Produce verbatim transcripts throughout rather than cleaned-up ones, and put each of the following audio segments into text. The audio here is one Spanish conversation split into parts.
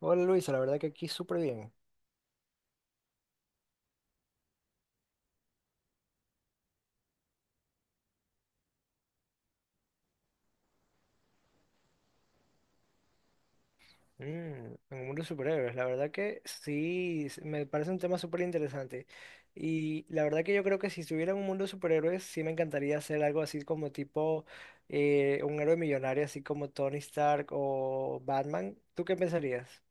Hola Luisa, la verdad que aquí súper bien. Mm, en el mundo de superhéroes, la verdad que sí, s- me parece un tema súper interesante. Y la verdad que yo creo que si estuviera en un mundo de superhéroes, sí me encantaría hacer algo así como tipo eh, un héroe millonario, así como Tony Stark o Batman. ¿Tú qué pensarías?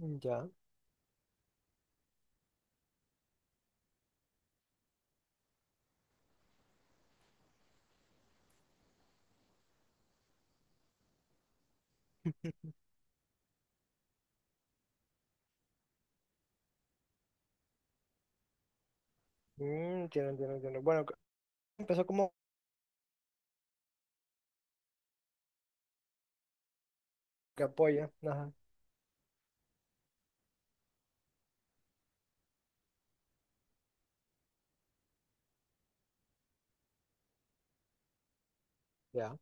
Mm, ya. Mm, entiendo, entiendo, entiendo. Bueno, c- empezó como que apoya. Ajá, ya.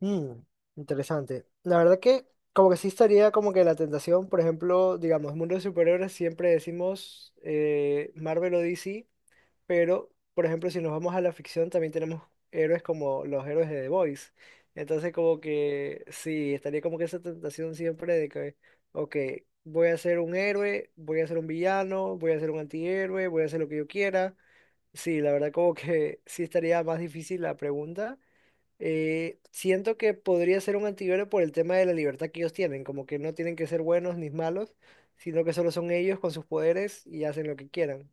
Mm, interesante. La verdad que como que sí estaría como que la tentación, por ejemplo, digamos, mundo de superhéroes siempre decimos eh, Marvel o D C, pero por ejemplo si nos vamos a la ficción también tenemos héroes como los héroes de The Boys. Entonces como que sí, estaría como que esa tentación siempre de que, ok, voy a ser un héroe, voy a ser un villano, voy a ser un antihéroe, voy a hacer lo que yo quiera. Sí, la verdad como que sí estaría más difícil la pregunta. Eh, siento que podría ser un antihéroe por el tema de la libertad que ellos tienen, como que no tienen que ser buenos ni malos, sino que solo son ellos con sus poderes y hacen lo que quieran.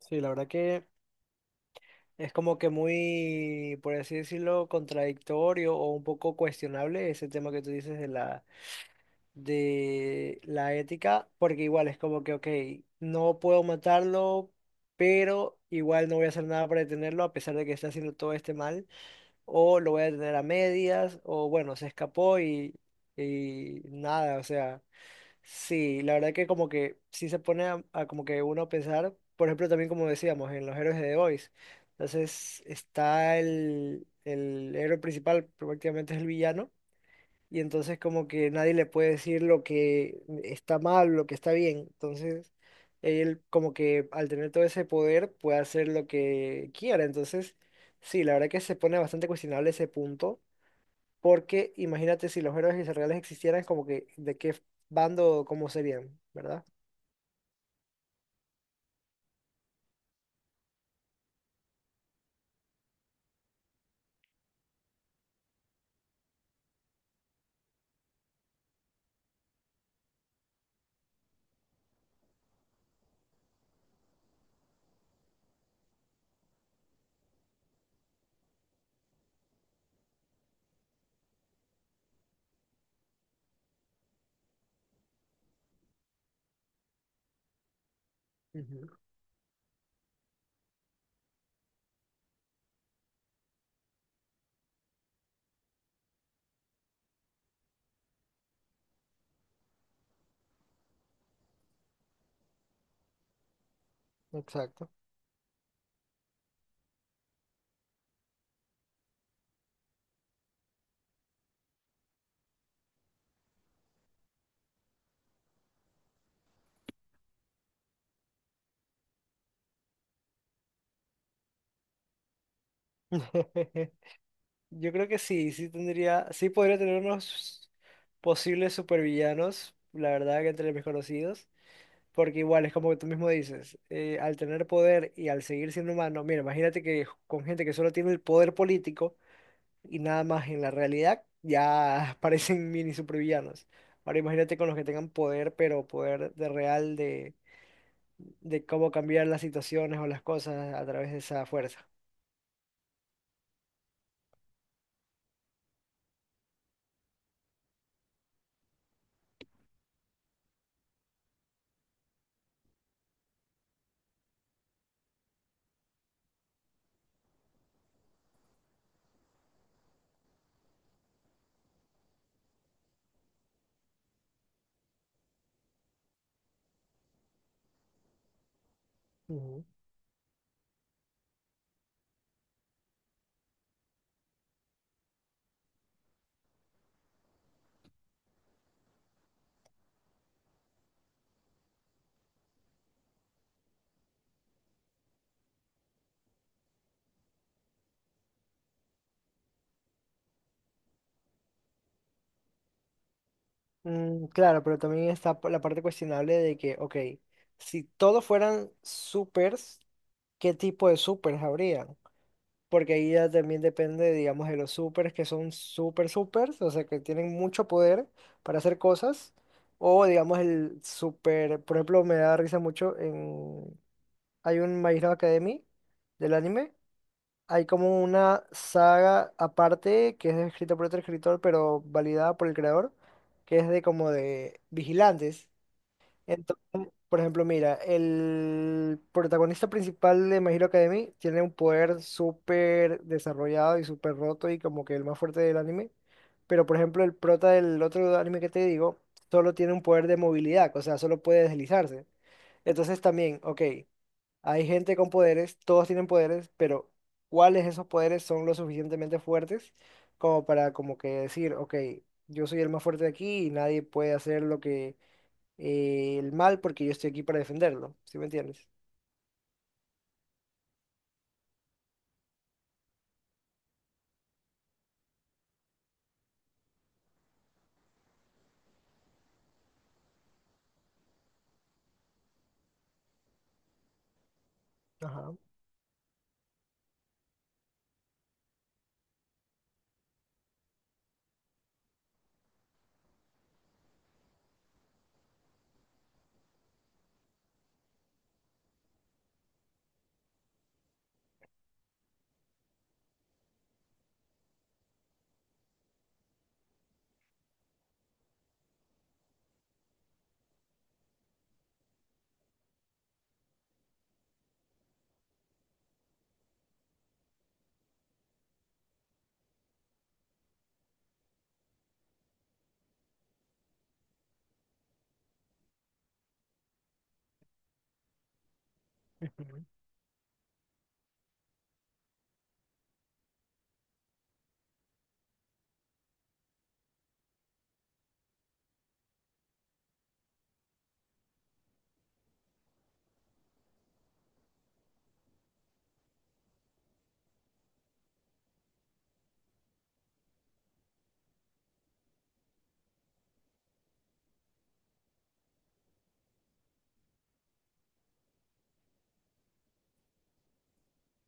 Sí, la verdad que es como que muy, por así decirlo, contradictorio o un poco cuestionable ese tema que tú dices de la, de la ética, porque igual es como que, ok, no puedo matarlo, pero igual no voy a hacer nada para detenerlo a pesar de que está haciendo todo este mal, o lo voy a tener a medias, o bueno, se escapó y, y nada, o sea, sí, la verdad que como que sí se pone a, a como que uno a pensar, por ejemplo, también como decíamos, en los héroes de The Boys, entonces está el, el héroe principal, prácticamente es el villano, y entonces como que nadie le puede decir lo que está mal, lo que está bien. Entonces, él como que al tener todo ese poder puede hacer lo que quiera. Entonces, sí, la verdad que se pone bastante cuestionable ese punto, porque imagínate si los héroes israelíes existieran, como que de qué bando, cómo serían, ¿verdad? Ujú, exacto. Yo creo que sí, sí tendría, sí podría tener unos posibles supervillanos, la verdad que entre mis conocidos. Porque igual es como tú mismo dices, eh, al tener poder y al seguir siendo humano, mira, imagínate que con gente que solo tiene el poder político y nada más en la realidad, ya parecen mini supervillanos. Ahora imagínate con los que tengan poder, pero poder de real de, de cómo cambiar las situaciones o las cosas a través de esa fuerza. Ujú. Mm, claro, pero también está p- la parte cuestionable de que, ok, si todos fueran supers, ¿qué tipo de supers habría? Porque ahí ya también depende, digamos, de los supers que son super supers, o sea, que tienen mucho poder para hacer cosas, o digamos el super, por ejemplo, me da risa mucho en, hay un My Hero Academy del anime, hay como una saga aparte que es escrita por otro escritor, pero validada por el creador, que es de como de vigilantes. Entonces, por ejemplo, mira, el protagonista principal de My Hero Academy tiene un poder súper desarrollado y súper roto y como que el más fuerte del anime. Pero, por ejemplo, el prota del otro anime que te digo solo tiene un poder de movilidad, o sea, solo puede deslizarse. Entonces también, ok, hay gente con poderes, todos tienen poderes, pero ¿cuáles de esos poderes son lo suficientemente fuertes como para como que decir, ok, yo soy el más fuerte de aquí y nadie puede hacer lo que eh, el mal porque yo estoy aquí para defenderlo, ¿sí me entiendes? Ajá. ujú,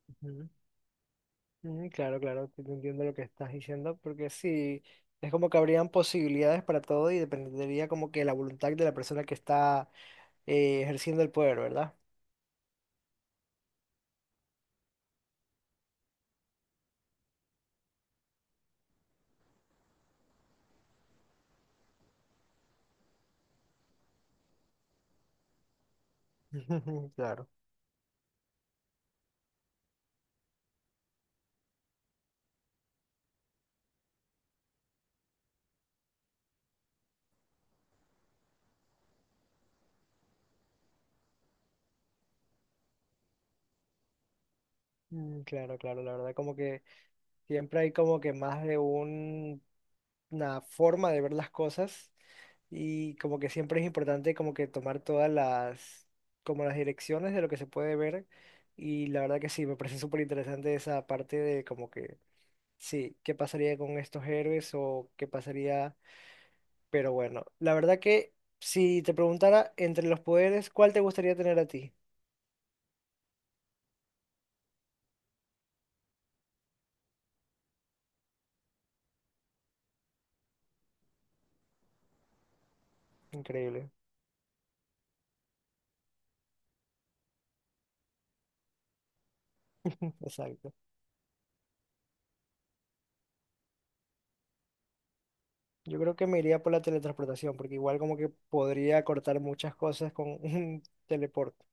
ujú, ujú, Claro, claro, sí te entiendo lo que estás diciendo, porque sí, es como que habrían posibilidades para todo y dependería como que la voluntad de la persona que está eh, ejerciendo el poder, ¿verdad? Claro. Mm, claro, claro, la verdad como que siempre hay como que más de un una forma de ver las cosas y como que siempre es importante como que tomar todas las, como las direcciones de lo que se puede ver y la verdad que sí, me parece súper interesante esa parte de como que, sí, qué pasaría con estos héroes o qué pasaría, pero bueno, la verdad que si te preguntara entre los poderes, ¿cuál te gustaría tener a ti? Increíble, exacto. Yo creo que me iría por la teletransportación, porque igual como que podría cortar muchas cosas con un teleporte.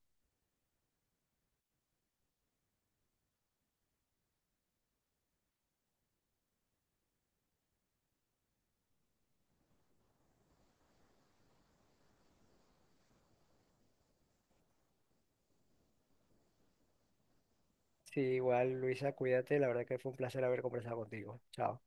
Sí, igual, Luisa, cuídate. La verdad que fue un placer haber conversado contigo. Chao.